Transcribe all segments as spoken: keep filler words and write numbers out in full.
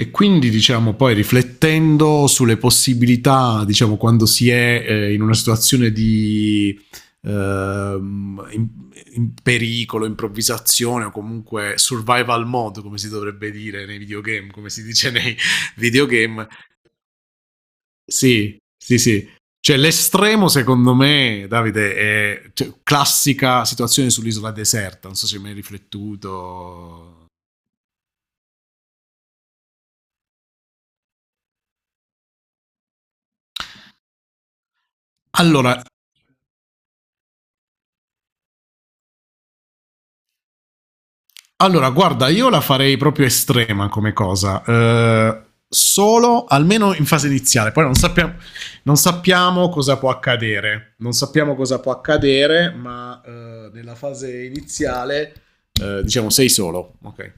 E quindi, diciamo, poi riflettendo sulle possibilità, diciamo, quando si è eh, in una situazione di ehm, in, in pericolo, improvvisazione o comunque survival mode, come si dovrebbe dire nei videogame, come si dice nei videogame. Sì, sì, sì. Cioè, l'estremo, secondo me, Davide, è cioè, classica situazione sull'isola deserta. Non so se mi hai riflettuto. Allora, Allora, guarda, io la farei proprio estrema come cosa. Eh, solo, almeno in fase iniziale. Poi non sappiamo, non sappiamo cosa può accadere. Non sappiamo cosa può accadere, ma eh, nella fase iniziale, eh, diciamo, sei solo. Ok.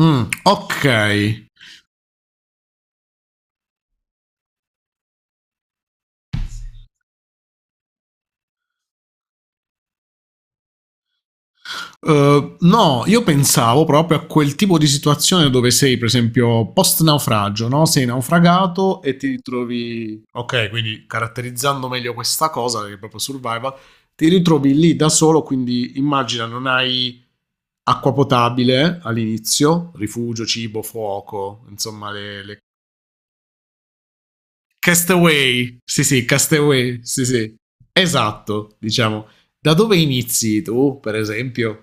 Mm, ok. Eh, no, io pensavo proprio a quel tipo di situazione dove sei, per esempio, post naufragio, no? Sei naufragato e ti ritrovi. Ok, quindi caratterizzando meglio questa cosa, che è proprio survival, ti ritrovi lì da solo, quindi immagina non hai acqua potabile all'inizio, rifugio, cibo, fuoco, insomma le, le... Castaway, sì sì, castaway, sì sì, esatto, diciamo. Da dove inizi tu, per esempio?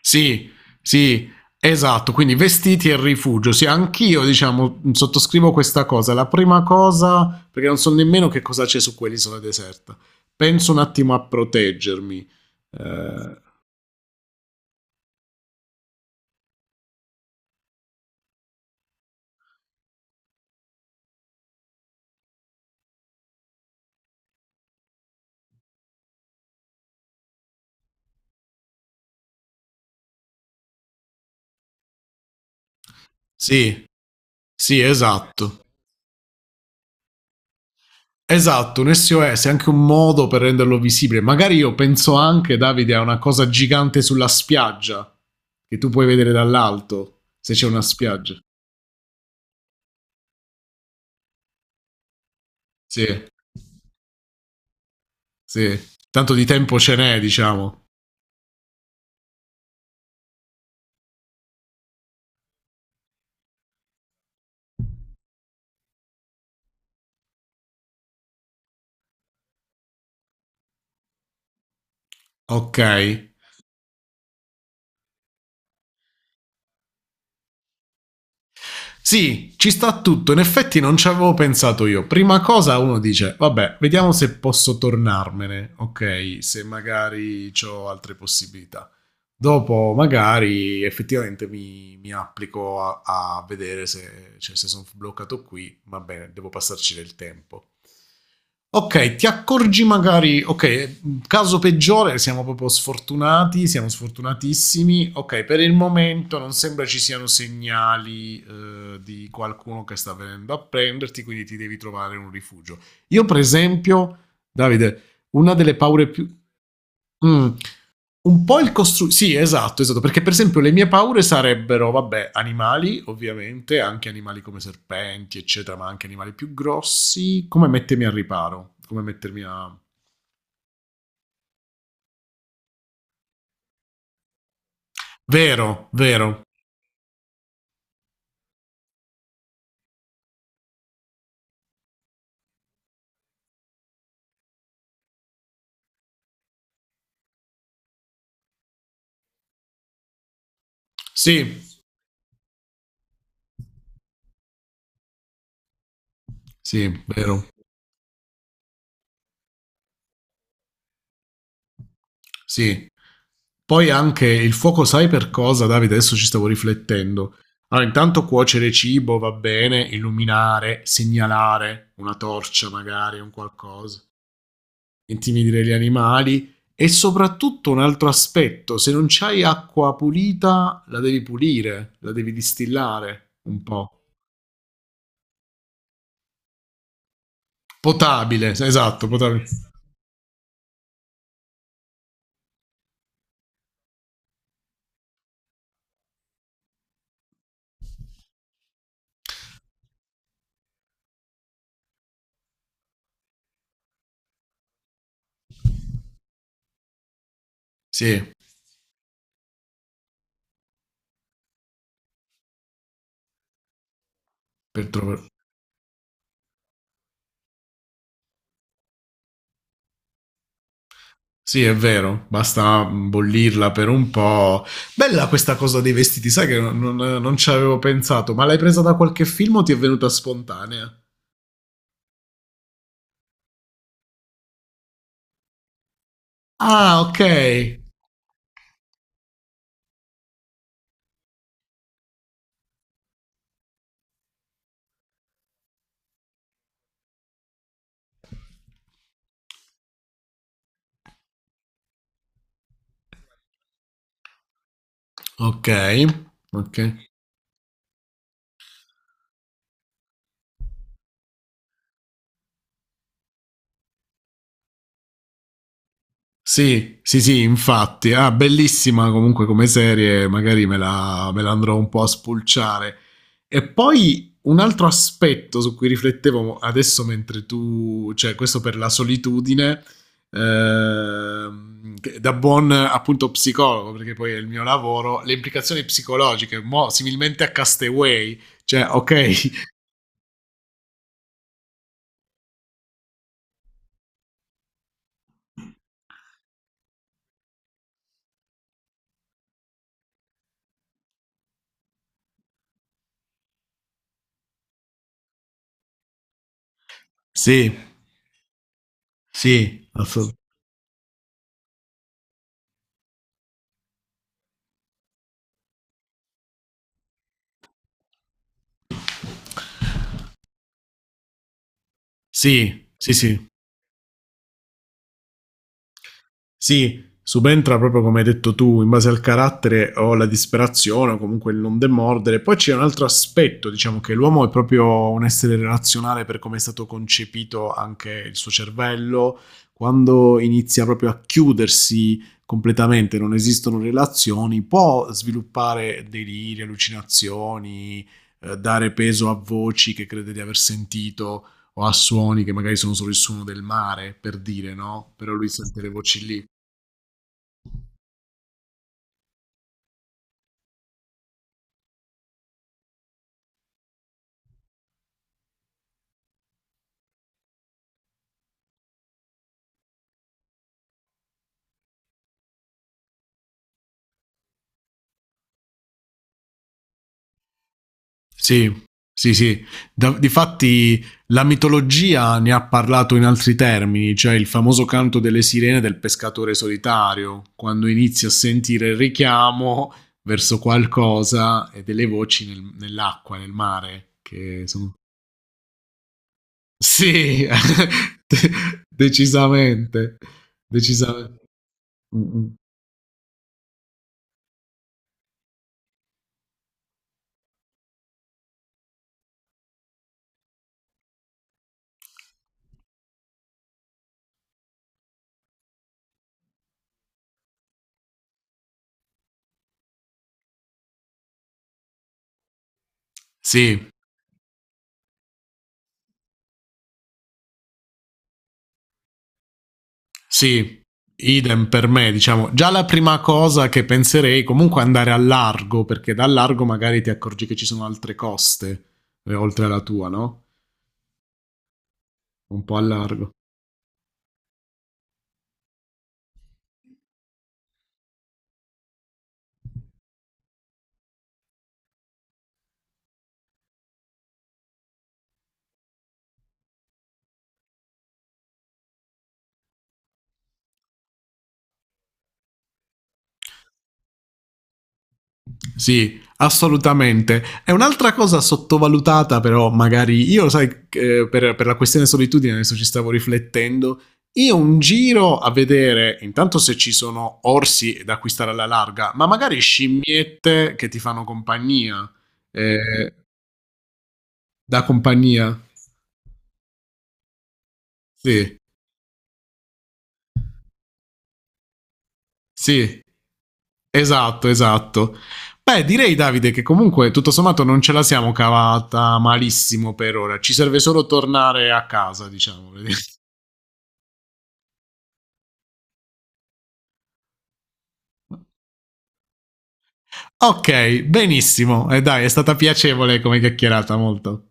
Sì, sì, esatto, quindi vestiti e rifugio. Sì, anch'io, diciamo, sottoscrivo questa cosa. La prima cosa, perché non so nemmeno che cosa c'è su quell'isola deserta. Penso un attimo a proteggermi. Eh, sì, sì, esatto. Esatto, un S O S è anche un modo per renderlo visibile. Magari io penso anche, Davide, a una cosa gigante sulla spiaggia che tu puoi vedere dall'alto, se c'è una spiaggia. Sì, sì. Tanto di tempo ce n'è, diciamo. Ok. Sì, ci sta tutto. In effetti non ci avevo pensato io. Prima cosa uno dice, vabbè, vediamo se posso tornarmene. Ok, se magari ho altre possibilità. Dopo magari effettivamente mi, mi applico a, a vedere se, cioè, se sono bloccato qui, va bene, devo passarci del tempo. Ok, ti accorgi magari, ok, caso peggiore, siamo proprio sfortunati, siamo sfortunatissimi, ok, per il momento non sembra ci siano segnali eh, di qualcuno che sta venendo a prenderti, quindi ti devi trovare un rifugio. Io per esempio, Davide, una delle paure più... Mm, un po' il costruire. Sì, esatto, esatto, perché per esempio le mie paure sarebbero, vabbè, animali, ovviamente, anche animali come serpenti, eccetera, ma anche animali più grossi. Come mettermi al riparo? Come mettermi a... Vero, vero. Sì, sì, vero. Sì. Poi anche il fuoco, sai per cosa, Davide? Adesso ci stavo riflettendo. Allora, intanto cuocere cibo va bene, illuminare, segnalare una torcia magari, un qualcosa. Intimidire gli animali e soprattutto un altro aspetto, se non c'hai acqua pulita la devi pulire, la devi distillare un po'. Potabile, esatto, potabile. Sì, per trovare... Sì, è vero, basta bollirla per un po'. Bella questa cosa dei vestiti, sai che non, non- non ci avevo pensato, ma l'hai presa da qualche film o ti è venuta spontanea? Ah, ok. Ok, ok. Sì, sì, sì, infatti. Ah, bellissima comunque come serie, magari me la, me la andrò un po' a spulciare. E poi un altro aspetto su cui riflettevo adesso mentre tu, cioè questo per la solitudine, ehm, che- da buon appunto psicologo, perché poi è il mio lavoro, le implicazioni psicologiche, mo, similmente a Castaway, cioè ok, sì, sì, assolut- sì, sì, sì. Sì, subentra proprio come hai detto tu, in base al carattere o la disperazione o comunque il non demordere. Poi c'è un altro aspetto, diciamo che l'uomo è proprio un essere relazionale per come è stato concepito anche il suo cervello, quando inizia proprio a chiudersi completamente, non esistono relazioni, può sviluppare deliri, allucinazioni, eh, dare peso a voci che crede di aver sentito o a suoni che magari sono solo il suono del mare, per dire, no? Però lui sente le voci lì. Sì, sì, sì. Da- difatti la mitologia ne ha parlato in altri termini, cioè il famoso canto delle sirene del pescatore solitario, quando inizi a sentire il richiamo verso qualcosa e delle voci nel- nell'acqua, nel mare, che sono... Sì, decisamente, decisamente. Mm, mm. Sì. Sì, idem per me, diciamo. Già la prima cosa che penserei comunque è andare a largo, perché da largo magari ti accorgi che ci sono altre coste, eh, oltre alla tua, no? Un po' a largo. Sì, assolutamente. È un'altra cosa sottovalutata, però magari io, sai, eh, per, per la questione solitudine, adesso ci stavo riflettendo. Io un giro a vedere intanto se ci sono orsi da acquistare alla larga, ma magari scimmiette che ti fanno compagnia. Eh, Da compagnia? Sì, sì, esatto, esatto. Beh, direi Davide che comunque tutto sommato non ce la siamo cavata malissimo per ora, ci serve solo tornare a casa, diciamo. Ok, benissimo. E dai, è stata piacevole come chiacchierata molto.